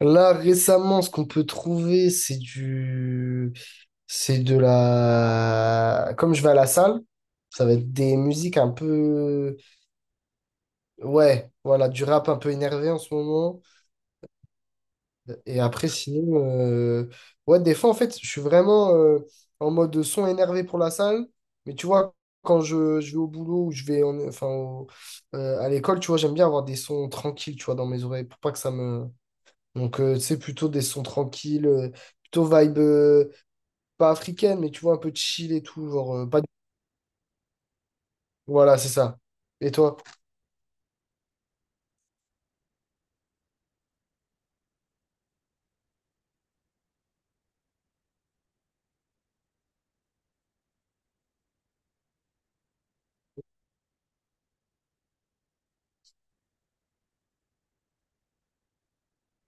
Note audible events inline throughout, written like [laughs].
Là, récemment, ce qu'on peut trouver, c'est du... C'est de la... Comme je vais à la salle, ça va être des musiques un peu... Ouais, voilà, du rap un peu énervé en ce moment. Et après, sinon... Ouais, des fois, en fait, je suis vraiment en mode son énervé pour la salle. Mais tu vois, quand je vais au boulot ou je vais en- enfin, au- à l'école, tu vois, j'aime bien avoir des sons tranquilles, tu vois, dans mes oreilles pour pas que ça me... Donc, c'est plutôt des sons tranquilles, plutôt vibe, pas africaine, mais tu vois, un peu chill et tout. Genre, pas... Voilà, c'est ça. Et toi?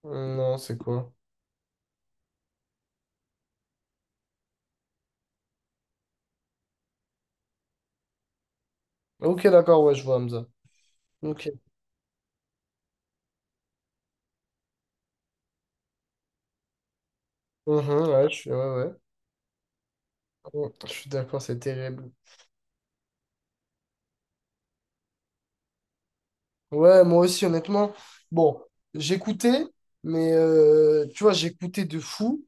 Non, c'est quoi? Ok, d'accord, ouais, je vois Hamza. Ok. Mhm, ouais, je suis, ouais, ouais. Ouais, je suis d'accord, c'est terrible. Ouais, moi aussi, honnêtement. Bon, j'écoutais, mais tu vois, j'écoutais de fou,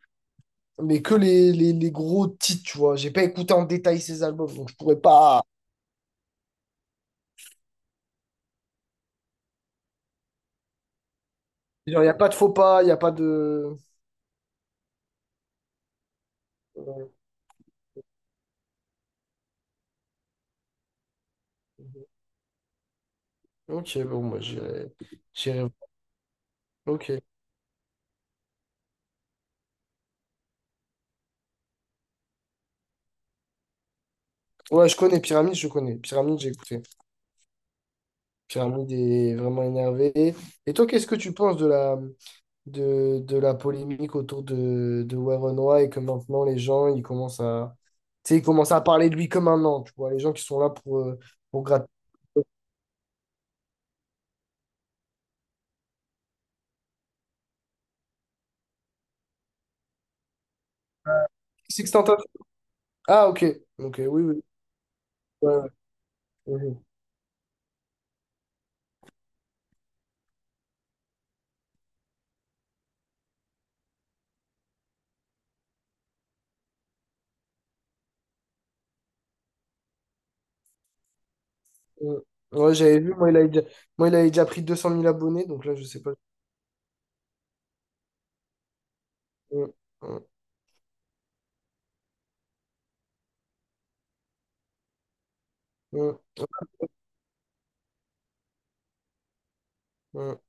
mais que les gros titres, tu vois. J'ai pas écouté en détail ces albums, donc je pourrais pas. Genre, il n'y a pas de faux pas, il n'y a pas de. Ok, bon, moi j'irai. J'irai. Ok. Ouais, je connais. Pyramide, j'ai écouté. Pyramide est vraiment énervé. Et toi, qu'est-ce que tu penses de la, de la polémique autour de Warren White, et que maintenant les gens, ils commencent à, tu sais, ils commencent à parler de lui comme un an, tu vois, les gens qui sont là pour gratter. Sextantation. Ah, ok. Ok, oui, oui. Ouais, ouais. Mhm. Mhm. Ouais, j'avais vu, moi il, a déjà... Moi, il avait déjà pris 200 000 abonnés, donc là, je sais pas. Mhm. Mhm. Mhm.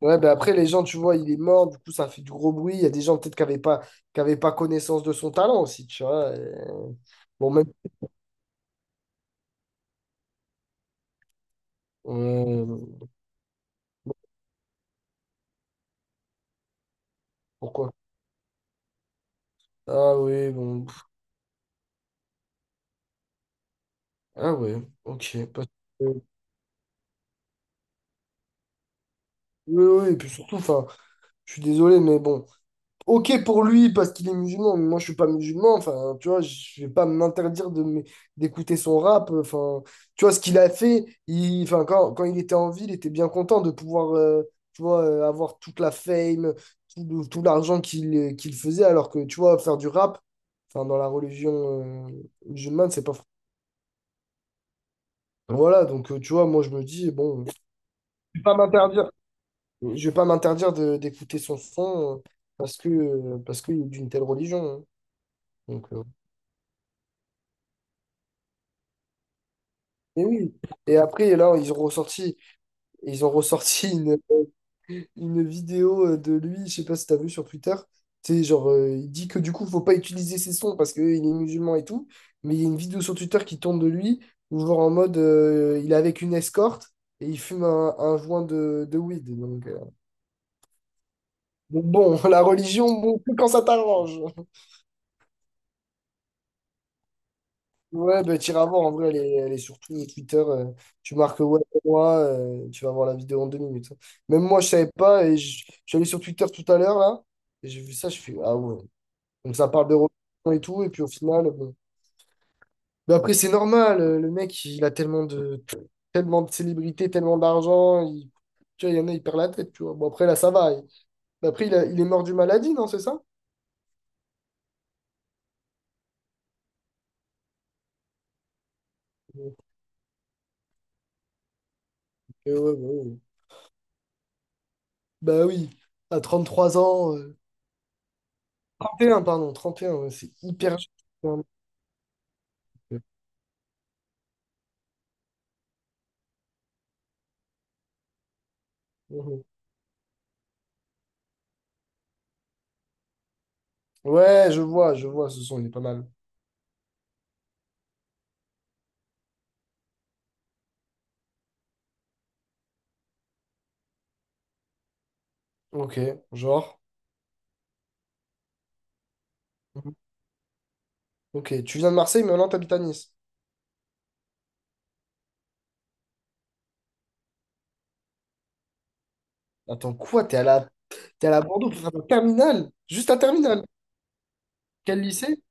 Ouais, ben après, les gens, tu vois, il est mort, du coup, ça fait du gros bruit. Il y a des gens peut-être qui n'avaient pas, qui avaient pas connaissance de son talent aussi, tu vois. Bon, même. euh, Pourquoi? Ah oui, bon. Ah ouais, ok. Parce que- oui, oui, et puis surtout, enfin, je suis désolé, mais bon. Ok pour lui parce qu'il est musulman, mais moi je suis pas musulman, enfin tu vois, je vais pas m'interdire de m- d'écouter son rap, enfin tu vois ce qu'il a fait, il, enfin quand, quand il était en ville, il était bien content de pouvoir tu vois avoir toute la fame, tout, le- tout l'argent qu'il faisait alors que tu vois faire du rap, enfin dans la religion euh, musulmane, c'est pas voilà, donc tu vois, moi je me dis bon, je vais pas m'interdire, je vais pas m'interdire de- d'écouter son parce que parce qu'il est d'une telle religion. Hein. Donc, et oui. Et après, là, ils ont ressorti [laughs] une vidéo de lui, je sais pas si t'as vu sur Twitter. Tu sais, genre, il dit que du coup, faut pas utiliser ses sons parce qu'il est musulman et tout. Mais il y a une vidéo sur Twitter qui tourne de lui, où genre en mode, il est avec une escorte et il fume un joint de weed. Donc bon, [laughs] la religion, bon, que quand ça t'arrange. Ouais, bah, t'iras voir, en vrai, elle est surtout Twitter. Tu marques ouais, moi, tu vas voir la vidéo en 2 minutes. Hein. Même moi, je savais pas, et je suis allé sur Twitter tout à l'heure, là, et j'ai vu ça, je fais, ah ouais. Donc ça parle de Robinson et tout, et puis au final, bon. Mais après, c'est normal, le mec, il a tellement de célébrités, tellement d'argent, il, tu vois, il y en a, il perd la tête, tu vois. Bon, après, là, ça va. Il- mais après, il, a- il est mort d'une maladie, non, c'est ça? Ouais, ouais, ouais. Bah oui, à 33 ans. 31, pardon, 31, ouais, c'est hyper... cher. Mhm. Ouais, je vois, ce son, il est pas mal. Ok, genre... Mhm. Ok, tu viens de Marseille, mais maintenant t'habites à Nice. Attends, quoi? T'es à la Bordeaux pour faire un terminal? Juste un terminal? Quel lycée?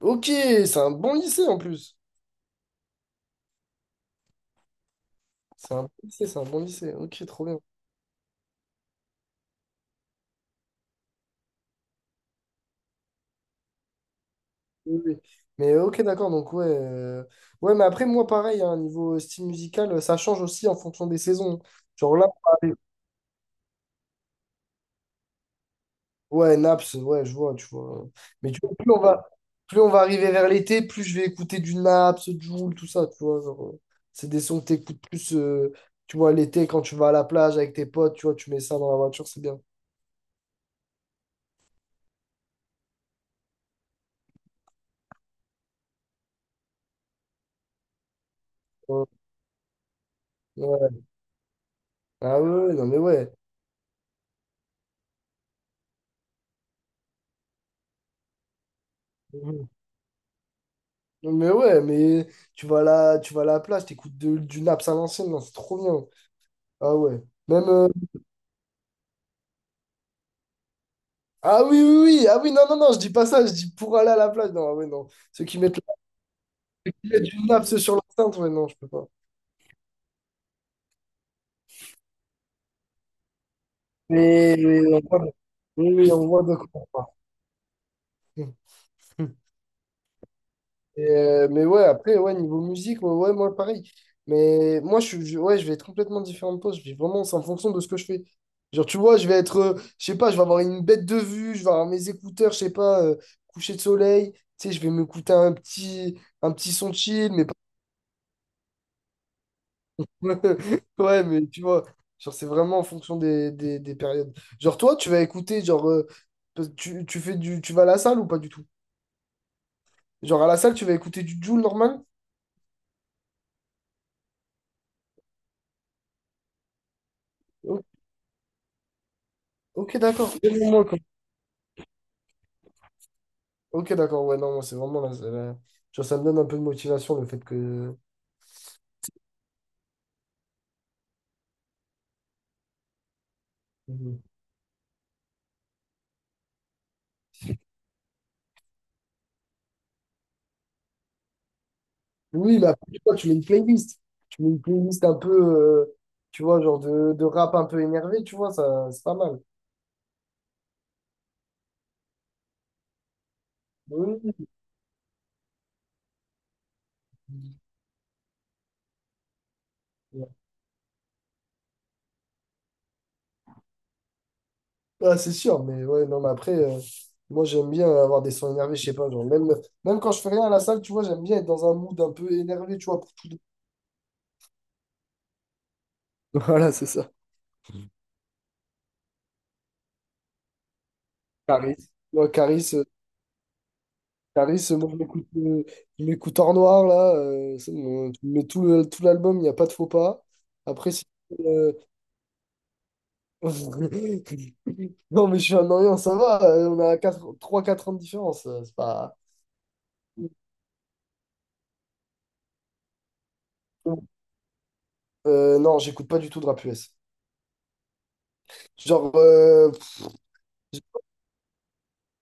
Ok, c'est un bon lycée en plus. C'est un bon lycée, c'est un bon lycée. Ok, trop bien. Oui, oui. Mais ok, d'accord, donc ouais. Ouais, mais après, moi, pareil, hein, niveau style musical, ça change aussi en fonction des saisons. Genre là, ouais, Naps, ouais, je vois, tu vois. Mais tu vois, plus on va arriver vers l'été, plus je vais écouter du Naps, Jul, tout ça, tu vois. Genre, c'est des sons que t'écoutes plus, tu vois, l'été, quand tu vas à la plage avec tes potes, tu vois, tu mets ça dans la voiture, c'est bien. Ouais. Ouais. Ah ouais, ouais, non mais ouais. Mhm. Non, mais ouais, mais tu vas là, tu vas à la plage, t'écoutes de- du Naps à l'ancienne, non, c'est trop bien. Ah ouais. Même ah oui, oui, oui, ah oui, non, non, non, je dis pas ça, je dis pour aller à la plage. Non, ah ouais, non. Ceux qui mettent, la- mettent du Naps sur l'enceinte, ouais, non, je peux pas. Mais on voit, oui, oui, on voit de quoi on parle. Et, mais ouais, après, ouais, niveau musique, ouais, ouais, moi pareil. Mais moi, je, suis- je- ouais, je vais être complètement différent de toi. Je vais vraiment, c'est en fonction de ce que je fais. Genre, tu vois, je vais être, je sais pas, je vais avoir une bête de vue, je vais avoir mes écouteurs, je sais pas, coucher de soleil. Tu sais, je vais m'écouter un petit son chill, mais pas... [laughs] Ouais, mais tu vois, genre, c'est vraiment en fonction des périodes. Genre, toi, tu vas écouter, genre, tu, tu fais du, tu vas à la salle ou pas du tout? Genre à la salle, tu vas écouter du Jul normal? O- ok, d'accord. Même moi, quoi. Ok, d'accord. Ouais, non, moi, c'est vraiment. La- la- genre, ça me donne un peu de motivation le fait que. Mhm. Oui, mais après, tu vois, tu mets une playlist. Tu mets une playlist un peu. Tu vois, genre de rap un peu énervé, tu vois, ça, c'est pas mal. Oui. Ouais. Ah, c'est sûr, mais ouais, non, mais après, moi j'aime bien avoir des sons énervés, je sais pas, genre même, même quand je fais rien à la salle, tu vois, j'aime bien être dans un mood un peu énervé, tu vois, pour tout. [laughs] Voilà, c'est ça. Caris. Ouais, Caris, Caris, moi je m'écoute Art Noir là, c'est mon- tu mets tout le- tout l'album, il n'y a pas de faux pas. Après, si. euh, [laughs] non, mais je suis un Orient, ça va, on a trois quatre ans de différence, c'est pas. Non, j'écoute pas du tout de rap US. Genre,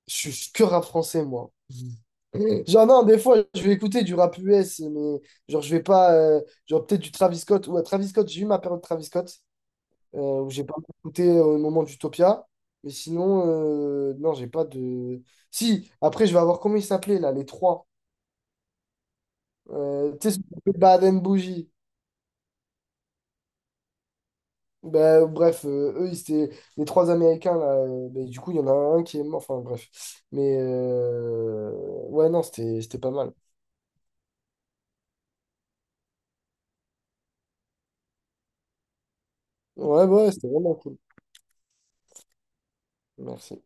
je suis que rap français moi. [laughs] Genre, non, des fois, je vais écouter du rap US, mais genre, je vais pas. Genre, peut-être du Travis Scott. Ouais, Travis Scott, j'ai eu ma période Travis Scott. Où j'ai pas mal écouté au moment d'Utopia. Mais sinon, non, j'ai pas de. Si, après, je vais avoir comment ils s'appelaient là, les trois. Tu sais, ceux qui Baden Bougie. Ben, bref, eux, ils étaient les trois Américains là. Ben, du coup, il y en a un qui est mort. Enfin, bref. Mais ouais, non, c'était pas mal. Ouais, ouais, c'était vraiment cool. Merci.